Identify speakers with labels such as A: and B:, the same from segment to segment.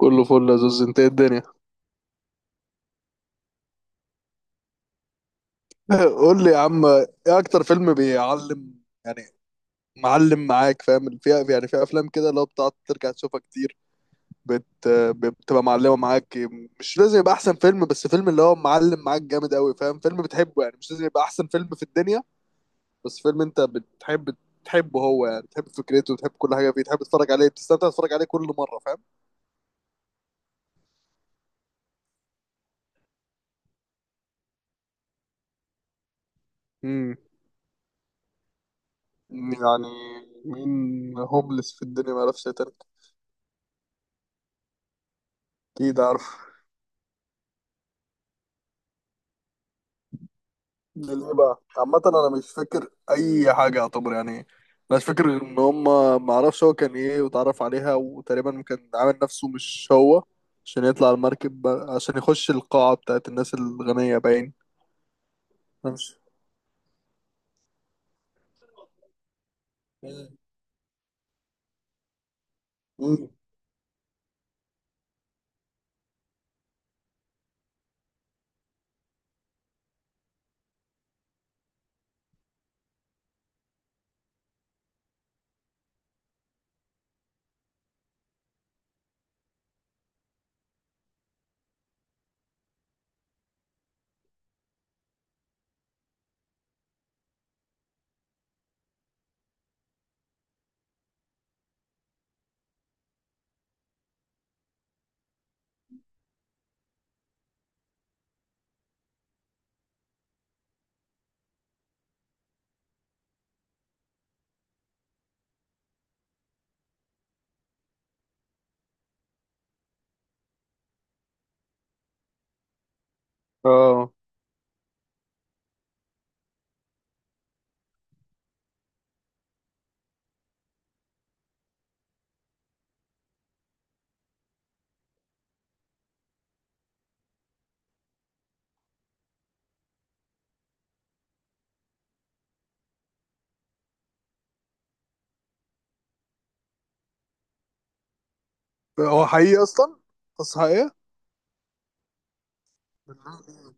A: كله فل يا زوز، انت ايه الدنيا؟ قول لي يا عم، ايه اكتر فيلم بيعلم يعني، معلم معاك، فاهم فيها؟ يعني فيها افلام كده اللي هو بتقعد ترجع تشوفها كتير. بت... بتبقى معلمه معاك. مش لازم يبقى احسن فيلم، بس فيلم اللي هو معلم معاك جامد قوي، فاهم؟ فيلم بتحبه يعني، مش لازم يبقى احسن فيلم في الدنيا، بس فيلم انت بتحب تحبه هو، يعني تحب فكرته وتحب كل حاجه فيه، تحب تتفرج عليه، بتستمتع تتفرج عليه كل مره، فاهم؟ امم. يعني مين هوملس في الدنيا ما يعرفش يترك؟ اكيد عارف. ده ليه بقى؟ عامة انا مش فاكر اي حاجة يعتبر، يعني مش فاكر غير ان هما معرفش هو كان ايه، واتعرف عليها، وتقريبا كان عامل نفسه مش هو عشان يطلع المركب عشان يخش القاعة بتاعت الناس الغنية باين. أنا مش- مم. اه، هو حقيقي اصلا، قصة حقيقية. بالله.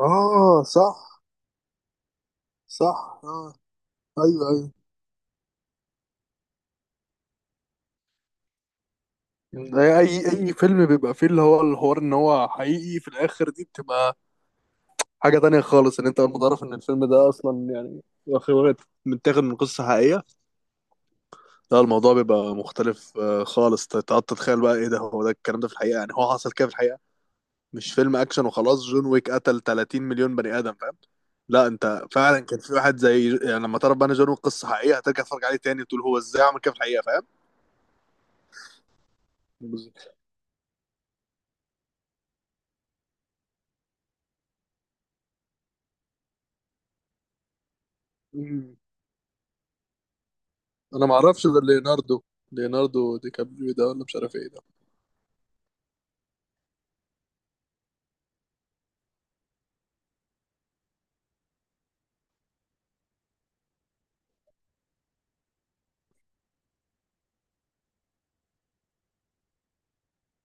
A: اه صح. صح اه. ايوه ايوه. ده اي فيلم بيبقى فيه اللي هو الحوار ان هو حقيقي في الاخر، دي بتبقى حاجة تانية خالص. ان انت اول ما تعرف ان الفيلم ده اصلا يعني متاخد من قصة حقيقية، لا، الموضوع بيبقى مختلف خالص تقعد تتخيل بقى ايه ده، هو ده الكلام ده في الحقيقة؟ يعني هو حصل كده في الحقيقة، مش فيلم اكشن وخلاص. جون ويك قتل 30 مليون بني ادم، فاهم؟ لا انت فعلا كان في واحد زي، يعني لما تعرف بقى ان جون ويك قصة حقيقية هترجع تتفرج عليه تاني وتقول هو ازاي عمل كده في الحقيقة، فاهم؟ بالظبط. مم. انا ما اعرفش غير ليوناردو، ليوناردو دي كابريو ده، ولا مش عارف ايه ده.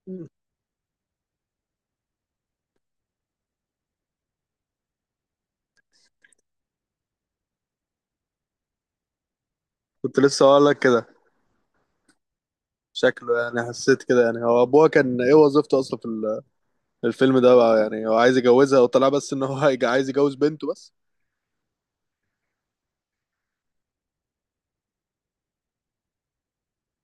A: مم. كنت لسه هقول لك كده. شكله يعني، حسيت كده، يعني هو ابوها كان ايه وظيفته اصلا في الفيلم ده بقى؟ يعني هو عايز يجوزها وطلع بس ان هو عايز يجوز بنته بس.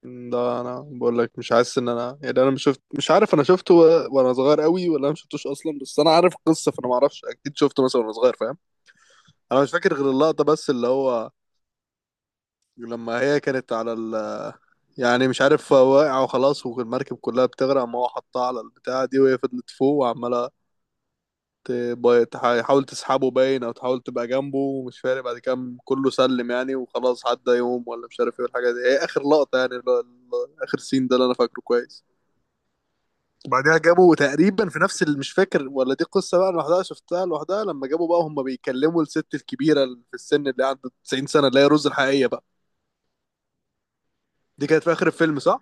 A: ده انا بقول لك مش حاسس ان انا، يعني انا مش شفت، مش عارف انا شفته وانا صغير قوي، ولا انا ما شفتوش اصلا؟ بس انا عارف القصه، فانا ما اعرفش اكيد شفته مثلا وانا صغير، فاهم؟ انا مش فاكر غير اللقطه بس، اللي هو لما هي كانت على ال، يعني مش عارف واقعه وخلاص والمركب كلها بتغرق، ما هو حطها على البتاعه دي وهي فضلت فوق وعماله تحاول تسحبه باين، او تحاول تبقى جنبه مش فارق. بعد كده كله سلم يعني وخلاص، عدى يوم ولا مش عارف ايه، والحاجه دي هي اخر لقطه، يعني اللي هو اخر سين ده اللي انا فاكره كويس. بعدها جابوا تقريبا في نفس اللي، مش فاكر ولا دي قصه بقى لوحدها شفتها لوحدها، لما جابوا بقى هم بيكلموا الست الكبيره اللي في السن اللي عندها 90 سنه، اللي هي رز الحقيقيه بقى. دي كانت في اخر الفيلم، صح؟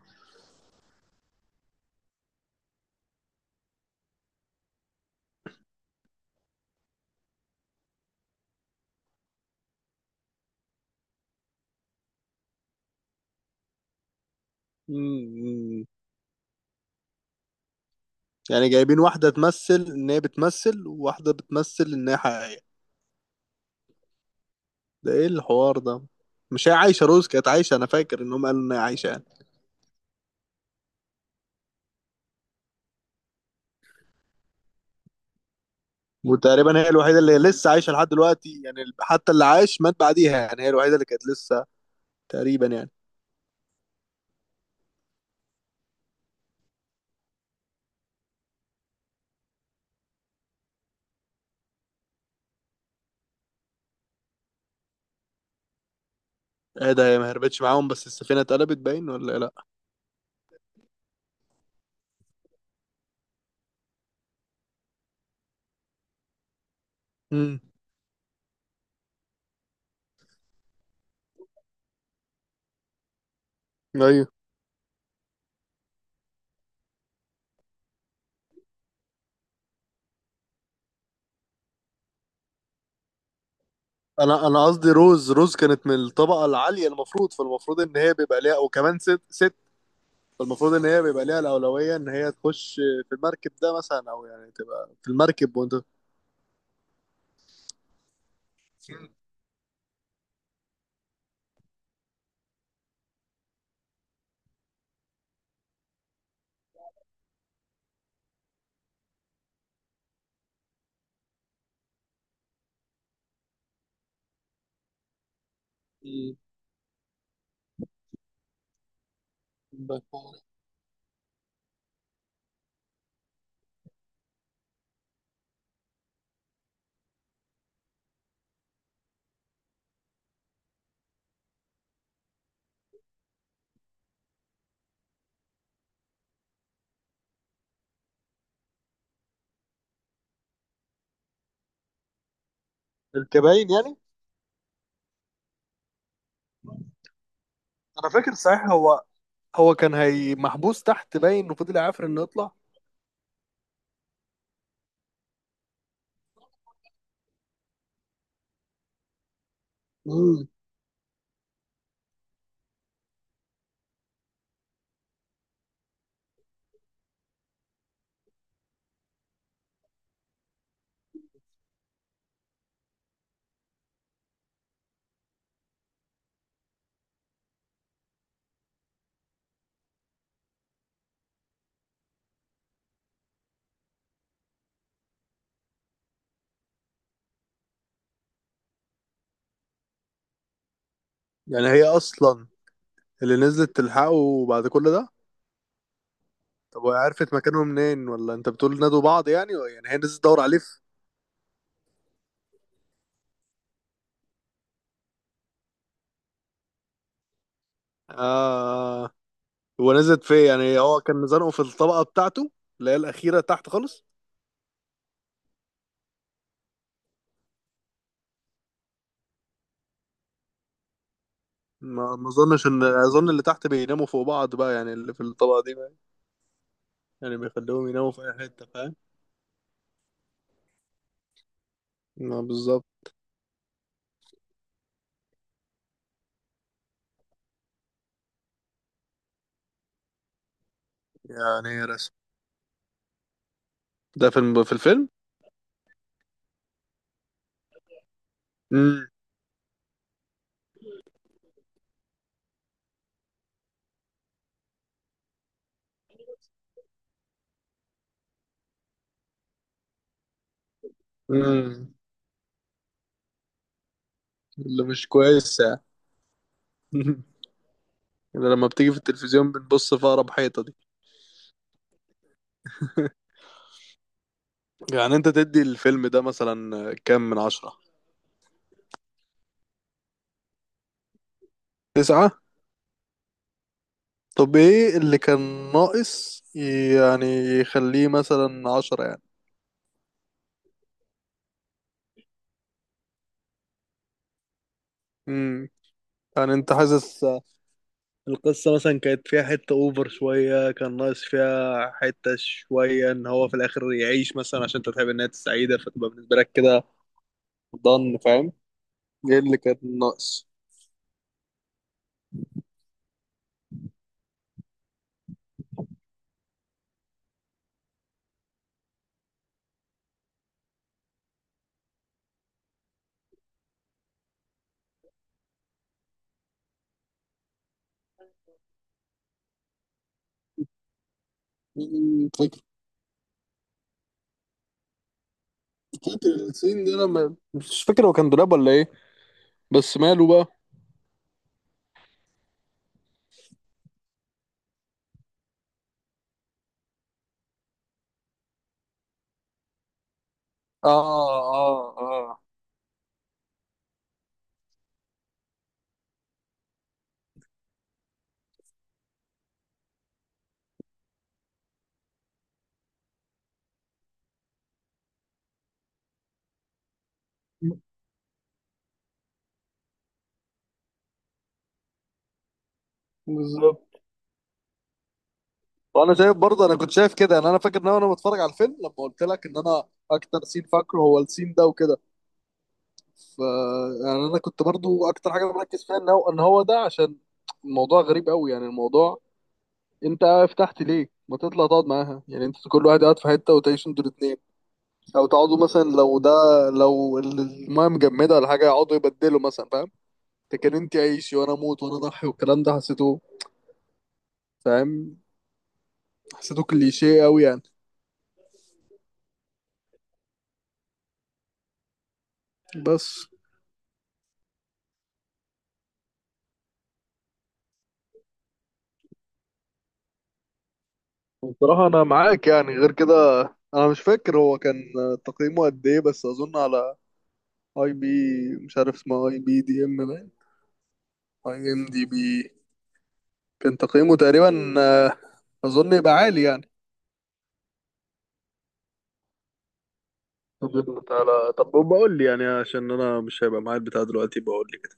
A: امم. يعني جايبين واحده تمثل ان هي بتمثل، وواحده بتمثل ان هي حقيقيه؟ ده ايه الحوار ده؟ مش هي عايشه؟ روز كانت عايشه، انا فاكر انهم قالوا ان هي عايشه يعني. وتقريبا هي الوحيده اللي لسه عايشه لحد دلوقتي يعني، حتى اللي عاش مات بعديها، يعني هي الوحيده اللي كانت لسه، تقريبا يعني. ايه ده، هي ما هربتش معاهم؟ بس السفينه اتقلبت باين ولا إيه؟ لا. امم. ايوه. انا قصدي، روز كانت من الطبقه العاليه المفروض، فالمفروض ان هي بيبقى ليها، وكمان ست، ست، فالمفروض ان هي بيبقى ليها الاولويه ان هي تخش في المركب ده مثلا، او يعني تبقى في المركب وانت. مم. الكباين يعني. انا فاكر صحيح، هو كان هي محبوس تحت باين، وفضل يعافر انه يطلع. مم. يعني هي اصلا اللي نزلت تلحقه بعد كل ده؟ طب وهي عرفت مكانه منين؟ ولا انت بتقول نادوا بعض، يعني يعني هي نزلت تدور عليه في. آه. هو نزلت فين يعني؟ هو كان زنقه في الطبقة بتاعته اللي هي الأخيرة تحت خالص. ما اظنش، اظن اللي تحت بيناموا فوق بعض بقى، يعني اللي في الطبقة دي بقى، يعني بيخليهم يناموا في اي حتة، فاهم؟ ما بالظبط. يعني هي رسم ده في الفيلم؟ امم. اللي مش كويسة يعني. يعني لما بتيجي في التلفزيون بنبص في أقرب حيطة دي. يعني أنت تدي الفيلم ده مثلا 10؟ تسعة؟ طب إيه اللي كان ناقص يعني، يخليه 10 يعني؟ امم. يعني أنت حاسس القصة مثلا كانت فيها حتة أوفر شوية، كان ناقص فيها حتة شوية إن هو في الآخر يعيش مثلا، عشان أنت تحب إنها سعيدة فتبقى بالنسبة لك كده، ضن، فاهم؟ إيه اللي كان ناقص؟ كتر الصين ده، انا مش فاكر هو كان دولاب ولا ايه، بس ماله بقى. اه اه. اه بالظبط. وانا شايف برضه، انا كنت شايف كده يعني. انا فاكر ان انا وأنا بتفرج على الفيلم، لما قلت لك ان انا اكتر سين فاكره هو السين ده وكده، ف، يعني انا كنت برضه اكتر حاجه مركز فيها ان هو ده، عشان الموضوع غريب قوي يعني. الموضوع، انت فتحت ليه ما تطلع تقعد معاها؟ يعني انت كل واحد قاعد في حته وتعيشوا انتوا الاثنين، او تقعدوا مثلا، لو ده، لو المايه مجمده ولا حاجه يقعدوا يبدلوا مثلا، فاهم؟ ده كان انت عيشي وانا اموت وانا اضحي والكلام ده، حسيته، فاهم؟ حسيته كليشيه قوي يعني. بس بصراحة أنا معاك يعني، غير كده أنا مش فاكر هو كان تقييمه قد إيه، بس أظن على أي بي، مش عارف اسمها، أي بي دي إم باين. أي إم دي بي كان تقييمه تقريبا أظن يبقى عالي يعني. طب تعالى، طب بقول لي يعني، عشان أنا مش هيبقى معايا البتاع دلوقتي، بقول لي كده.